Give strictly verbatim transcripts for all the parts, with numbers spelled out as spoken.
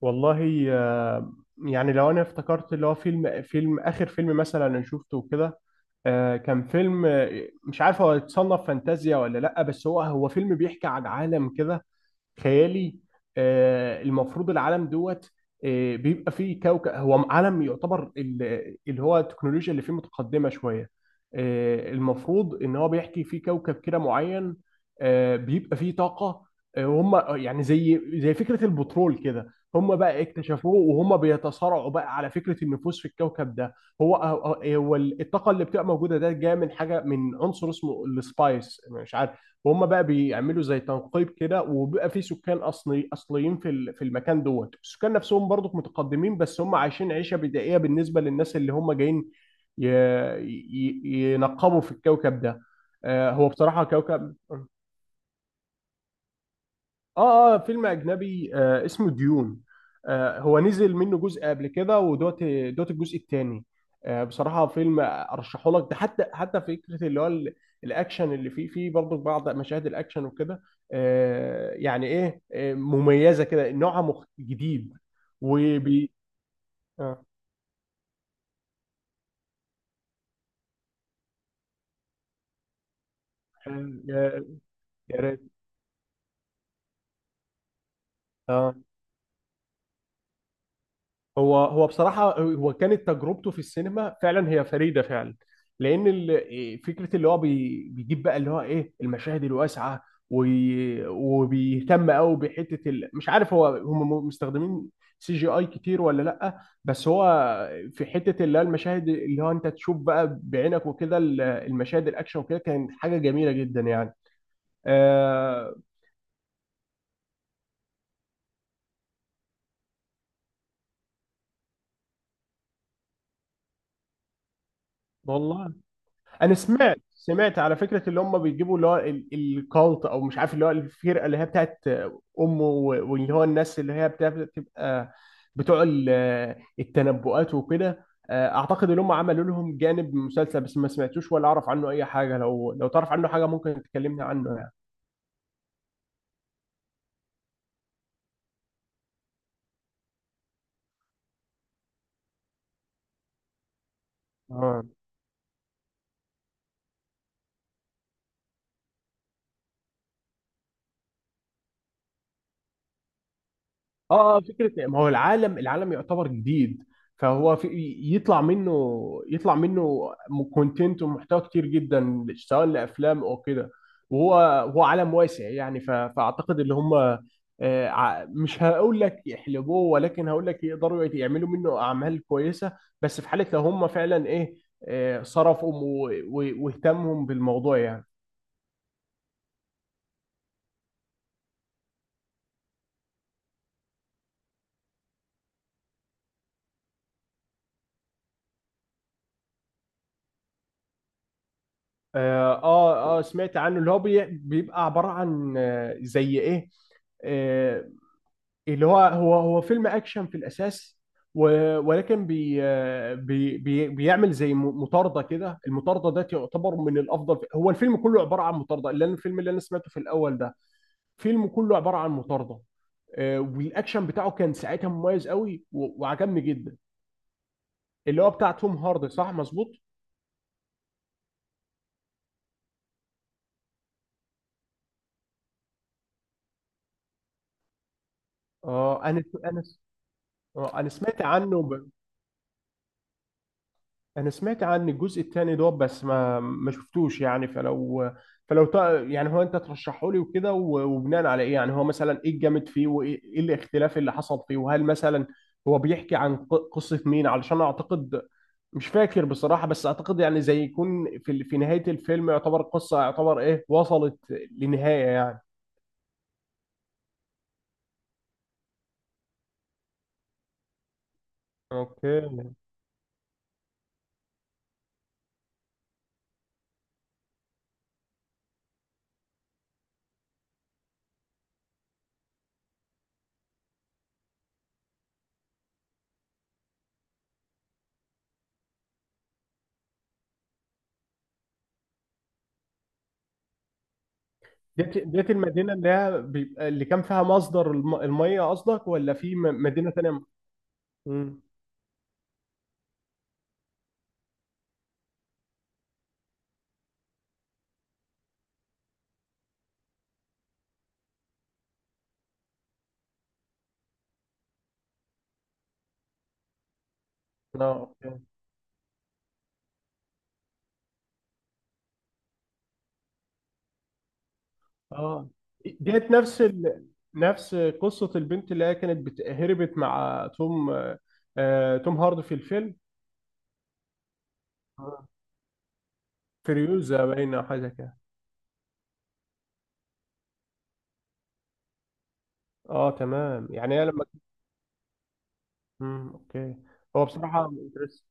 والله، آه، يعني لو انا افتكرت اللي هو فيلم فيلم اخر فيلم مثلا انا شفته كده. آه، كان فيلم، آه، مش عارف هو يتصنف فانتازيا ولا لا، بس هو هو فيلم بيحكي عن عالم كده خيالي. آه، المفروض العالم، دوت آه، بيبقى فيه كوكب، هو عالم يعتبر ال- اللي هو التكنولوجيا اللي فيه متقدمة شوية. آه، المفروض ان هو بيحكي فيه كوكب كده معين. آه، بيبقى فيه طاقة. آه، هم يعني زي زي فكرة البترول كده، هم بقى اكتشفوه وهم بيتصارعوا بقى على فكرة النفوذ في الكوكب ده. هو هو هو الطاقة اللي بتبقى موجودة ده جاية من حاجة، من عنصر اسمه السبايس، مش عارف. وهم بقى بيعملوا زي تنقيب كده، وبيبقى في سكان اصلي اصليين في ال- في المكان. دوت السكان نفسهم برضو متقدمين، بس هم عايشين عيشه بدائيه بالنسبه للناس اللي هم جايين ي- ي- ينقبوا في الكوكب ده. آه، هو بصراحه كوكب. اه، اه، فيلم اجنبي، آه اسمه ديون. آه هو نزل منه جزء قبل كده. ودوت دوت الجزء الثاني. آه بصراحه فيلم ارشحه لك ده. حتى حتى فكره اللي هو ال- الاكشن اللي فيه فيه برضه بعض مشاهد الاكشن وكده. آه يعني ايه، آه مميزه كده، نوعها مخ... جديد وبي اه. آه، يا يا ريت. اه. هو هو بصراحة، هو كانت تجربته في السينما فعلا هي فريدة فعلا. لأن ال- إيه، فكرة اللي هو بي- بيجيب بقى اللي هو إيه المشاهد الواسعة. وي- وبيهتم قوي بحتة ال... مش عارف هو هم مستخدمين سي جي اي كتير ولا لأ، بس هو في حتة اللي هو المشاهد اللي هو أنت تشوف بقى بعينك وكده، ال- المشاهد الأكشن وكده، كانت حاجة جميلة جدا يعني. أه. والله، انا سمعت سمعت على فكره اللي هم بيجيبوا اللي هو ال- الكالت او مش عارف، اللي هو الفرقه اللي هي بتاعت امه، و- واللي هو الناس اللي هي بتاع- بتبقى بتوع ال- التنبؤات وكده. آه، اعتقد ان هم عملوا لهم جانب مسلسل، بس ما سمعتوش ولا اعرف عنه اي حاجه. لو لو تعرف عنه حاجه ممكن تكلمني عنه يعني. اه. اه آه، فكره، ما هو العالم العالم يعتبر جديد. فهو في، يطلع منه، يطلع منه كونتنت ومحتوى كتير جدا سواء لافلام او كده. وهو، هو عالم واسع يعني. ف- فاعتقد اللي هم آه، ع- مش هقول لك يحلبوه، ولكن هقول لك يقدروا يت- يعملوا منه اعمال كويسه، بس في حاله لو هم فعلا ايه، آه، صرفوا و- و- واهتموا بالموضوع يعني. اه، اه. آه، سمعت عنه. اللي هو بي- بيبقى عباره عن آه، زي ايه، آه، اللي هو هو هو فيلم اكشن في الاساس، و- ولكن بي بي بي بيعمل زي م- مطارده كده. المطارده ده تعتبر من الافضل. هو الفيلم كله عباره عن مطارده. اللي أنا- الفيلم اللي انا سمعته في الاول ده فيلم كله عباره عن مطارده. آه، والاكشن بتاعه كان ساعتها مميز قوي و- وعجبني جدا، اللي هو بتاع توم هاردي، صح، مظبوط. اه. انا انا، آه، انا سمعت عنه. انا سمعت عن الجزء الثاني، دوت بس ما ما شفتوش يعني. فلو فلو تع- يعني هو انت ترشحه لي وكده و- وبناء على ايه؟ يعني هو مثلا ايه الجامد فيه، وايه إيه الاختلاف اللي حصل فيه، وهل مثلا هو بيحكي عن ق- قصة مين، علشان اعتقد، مش فاكر بصراحة، بس اعتقد يعني زي يكون في ال- في نهاية الفيلم، يعتبر قصة، يعتبر ايه، وصلت لنهاية يعني. اوكي. ديت ديت المدينة اللي هي بيبقى اللي كان فيها مصدر الم- المية قصدك، ولا في م- مدينة تانية؟ امم اه، اه. ديت نفس ال... نفس قصة البنت اللي هي كانت بت... هربت مع توم، آه... توم هاردي في الفيلم. آه. فريوزا باينة أو حاجة كده. اه تمام، يعني هي لما... مم. اوكي. هو بصراحة مدرس.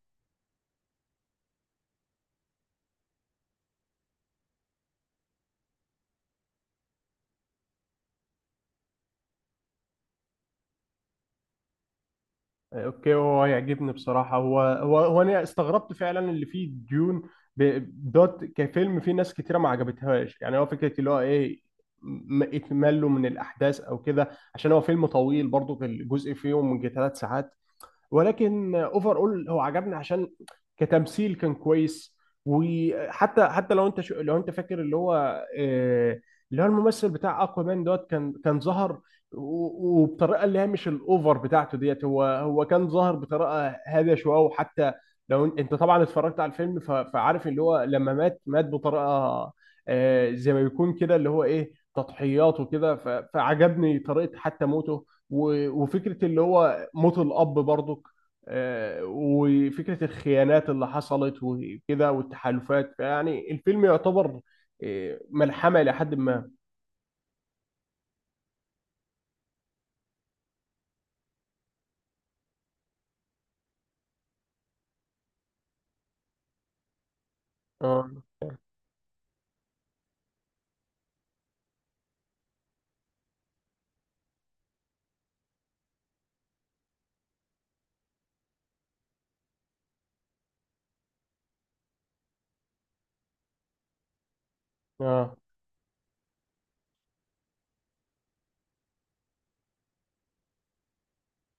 اوكي. هو يعجبني بصراحة. هو هو, هو انا استغربت فعلا اللي فيه ديون، ب... دوت كفيلم فيه ناس كتيرة ما عجبتهاش يعني. هو فكرة اللي هو ايه، م- اكماله من الاحداث او كده. عشان هو فيلم طويل برضو، في الجزء فيهم من ثلاث ساعات، ولكن اوفر اول هو عجبني عشان كتمثيل كان كويس. وحتى حتى لو انت شو لو انت فاكر اللي هو آه، اللي هو الممثل بتاع اكوامان، دوت كان كان ظهر و- وبطريقه اللي هي مش الاوفر بتاعته. ديت هو هو كان ظاهر بطريقه هاديه شويه. وحتى لو ان- انت طبعا اتفرجت على الفيلم، ف- فعارف اللي هو لما مات مات بطريقه، آه، زي ما بيكون كده، اللي هو ايه، تضحيات وكده. ف- فعجبني طريقه حتى موته، و- وفكره اللي هو موت الاب برضه. آه، وفكرة الخيانات اللي حصلت وكده، والتحالفات. يعني الفيلم يعتبر آه، ملحمة إلى حد ما. اه، اه. آه.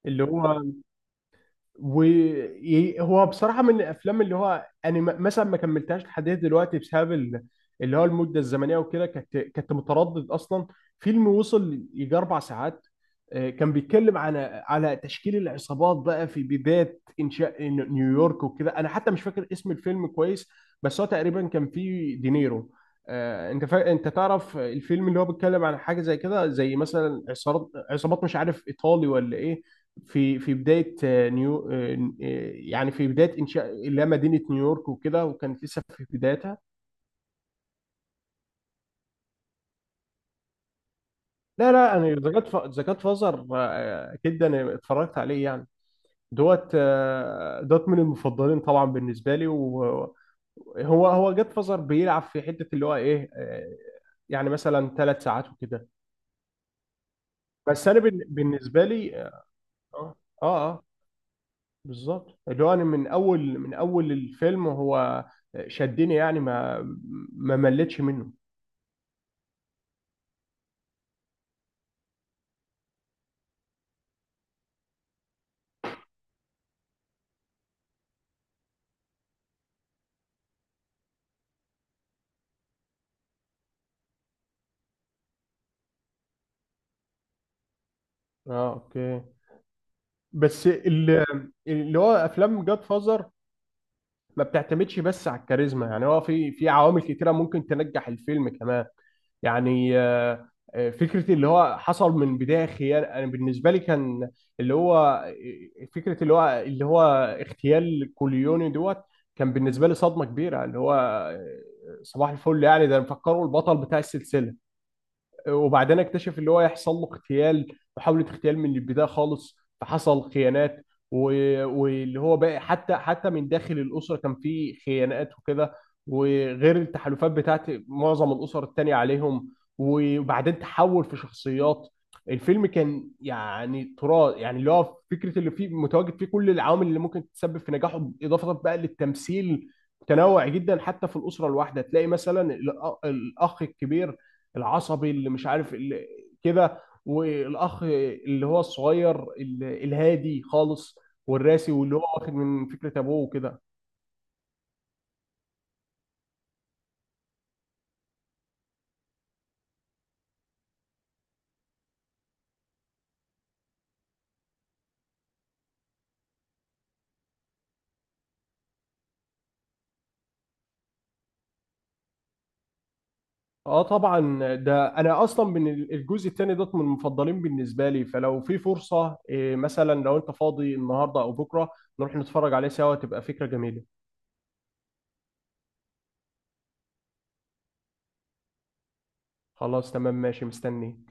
اللي هو وهو بصراحة من الأفلام اللي هو أنا م- مثلا ما كملتهاش لحد دلوقتي بسبب ال- اللي هو المدة الزمنية وكده. كنت كنت متردد أصلا. فيلم وصل يجي أربع ساعات. آه، كان بيتكلم على على تشكيل العصابات بقى في بداية إنشاء ن- نيويورك وكده. أنا حتى مش فاكر اسم الفيلم كويس، بس هو تقريبا كان فيه دينيرو. آه، انت فا... انت تعرف الفيلم اللي هو بيتكلم عن حاجه زي كده، زي مثلا عصابات عصابات مش عارف ايطالي ولا ايه، في في بداية آه، نيو آه، آه، يعني في بداية إنشاء اللي هي مدينة نيويورك وكده، وكانت لسه في بدايتها. لا، لا، أنا ذا جاد ذا جاد فازر أكيد أنا اتفرجت عليه يعني. دوت آه، دوت من المفضلين طبعا بالنسبة لي. وهو هو هو جاد فازر بيلعب في حتة اللي هو إيه، آه، يعني مثلا ثلاث ساعات وكده. بس أنا بال- بالنسبة لي، آه آه آه بالظبط، اللي هو انا من اول من اول الفيلم هو شدني يعني. ما ما مليتش منه. اه، اوكي. بس ال- اللي هو افلام جاد فازر ما بتعتمدش بس على الكاريزما يعني. هو في في عوامل كتيره ممكن تنجح الفيلم كمان يعني. آه، آه، فكرة اللي هو حصل من بداية خيانة أنا بالنسبة لي كان اللي هو آه، فكرة اللي هو اللي هو اغتيال كوليوني، دوت كان بالنسبة لي صدمة كبيرة. اللي هو آه، صباح الفل يعني، ده مفكره البطل بتاع السلسلة. وبعدين اكتشف اللي هو يحصل له اغتيال، محاولة اغتيال من البداية خالص. فحصل خيانات و- واللي هو بقى، حتى حتى من داخل الأسرة كان في خيانات وكده، وغير التحالفات بتاعت معظم الأسر التانية عليهم. وبعدين تحول في شخصيات. الفيلم كان يعني تراث يعني، اللي هو فكرة اللي فيه متواجد فيه كل العوامل اللي ممكن تسبب في نجاحه، إضافة بقى للتمثيل متنوع جدا. حتى في الأسرة الواحدة تلاقي مثلا الأ- الأخ الكبير العصبي اللي مش عارف اللي كده، والاخ اللي هو الصغير ال- الهادي خالص والراسي، واللي هو واخد من فكرة ابوه وكده. اه طبعا. ده انا اصلا من ال- الجزء الثاني، دوت من المفضلين بالنسبه لي. فلو في فرصه، إيه، مثلا لو انت فاضي النهارده او بكره نروح نتفرج عليه سوا، تبقى فكره جميله. خلاص تمام ماشي، مستني.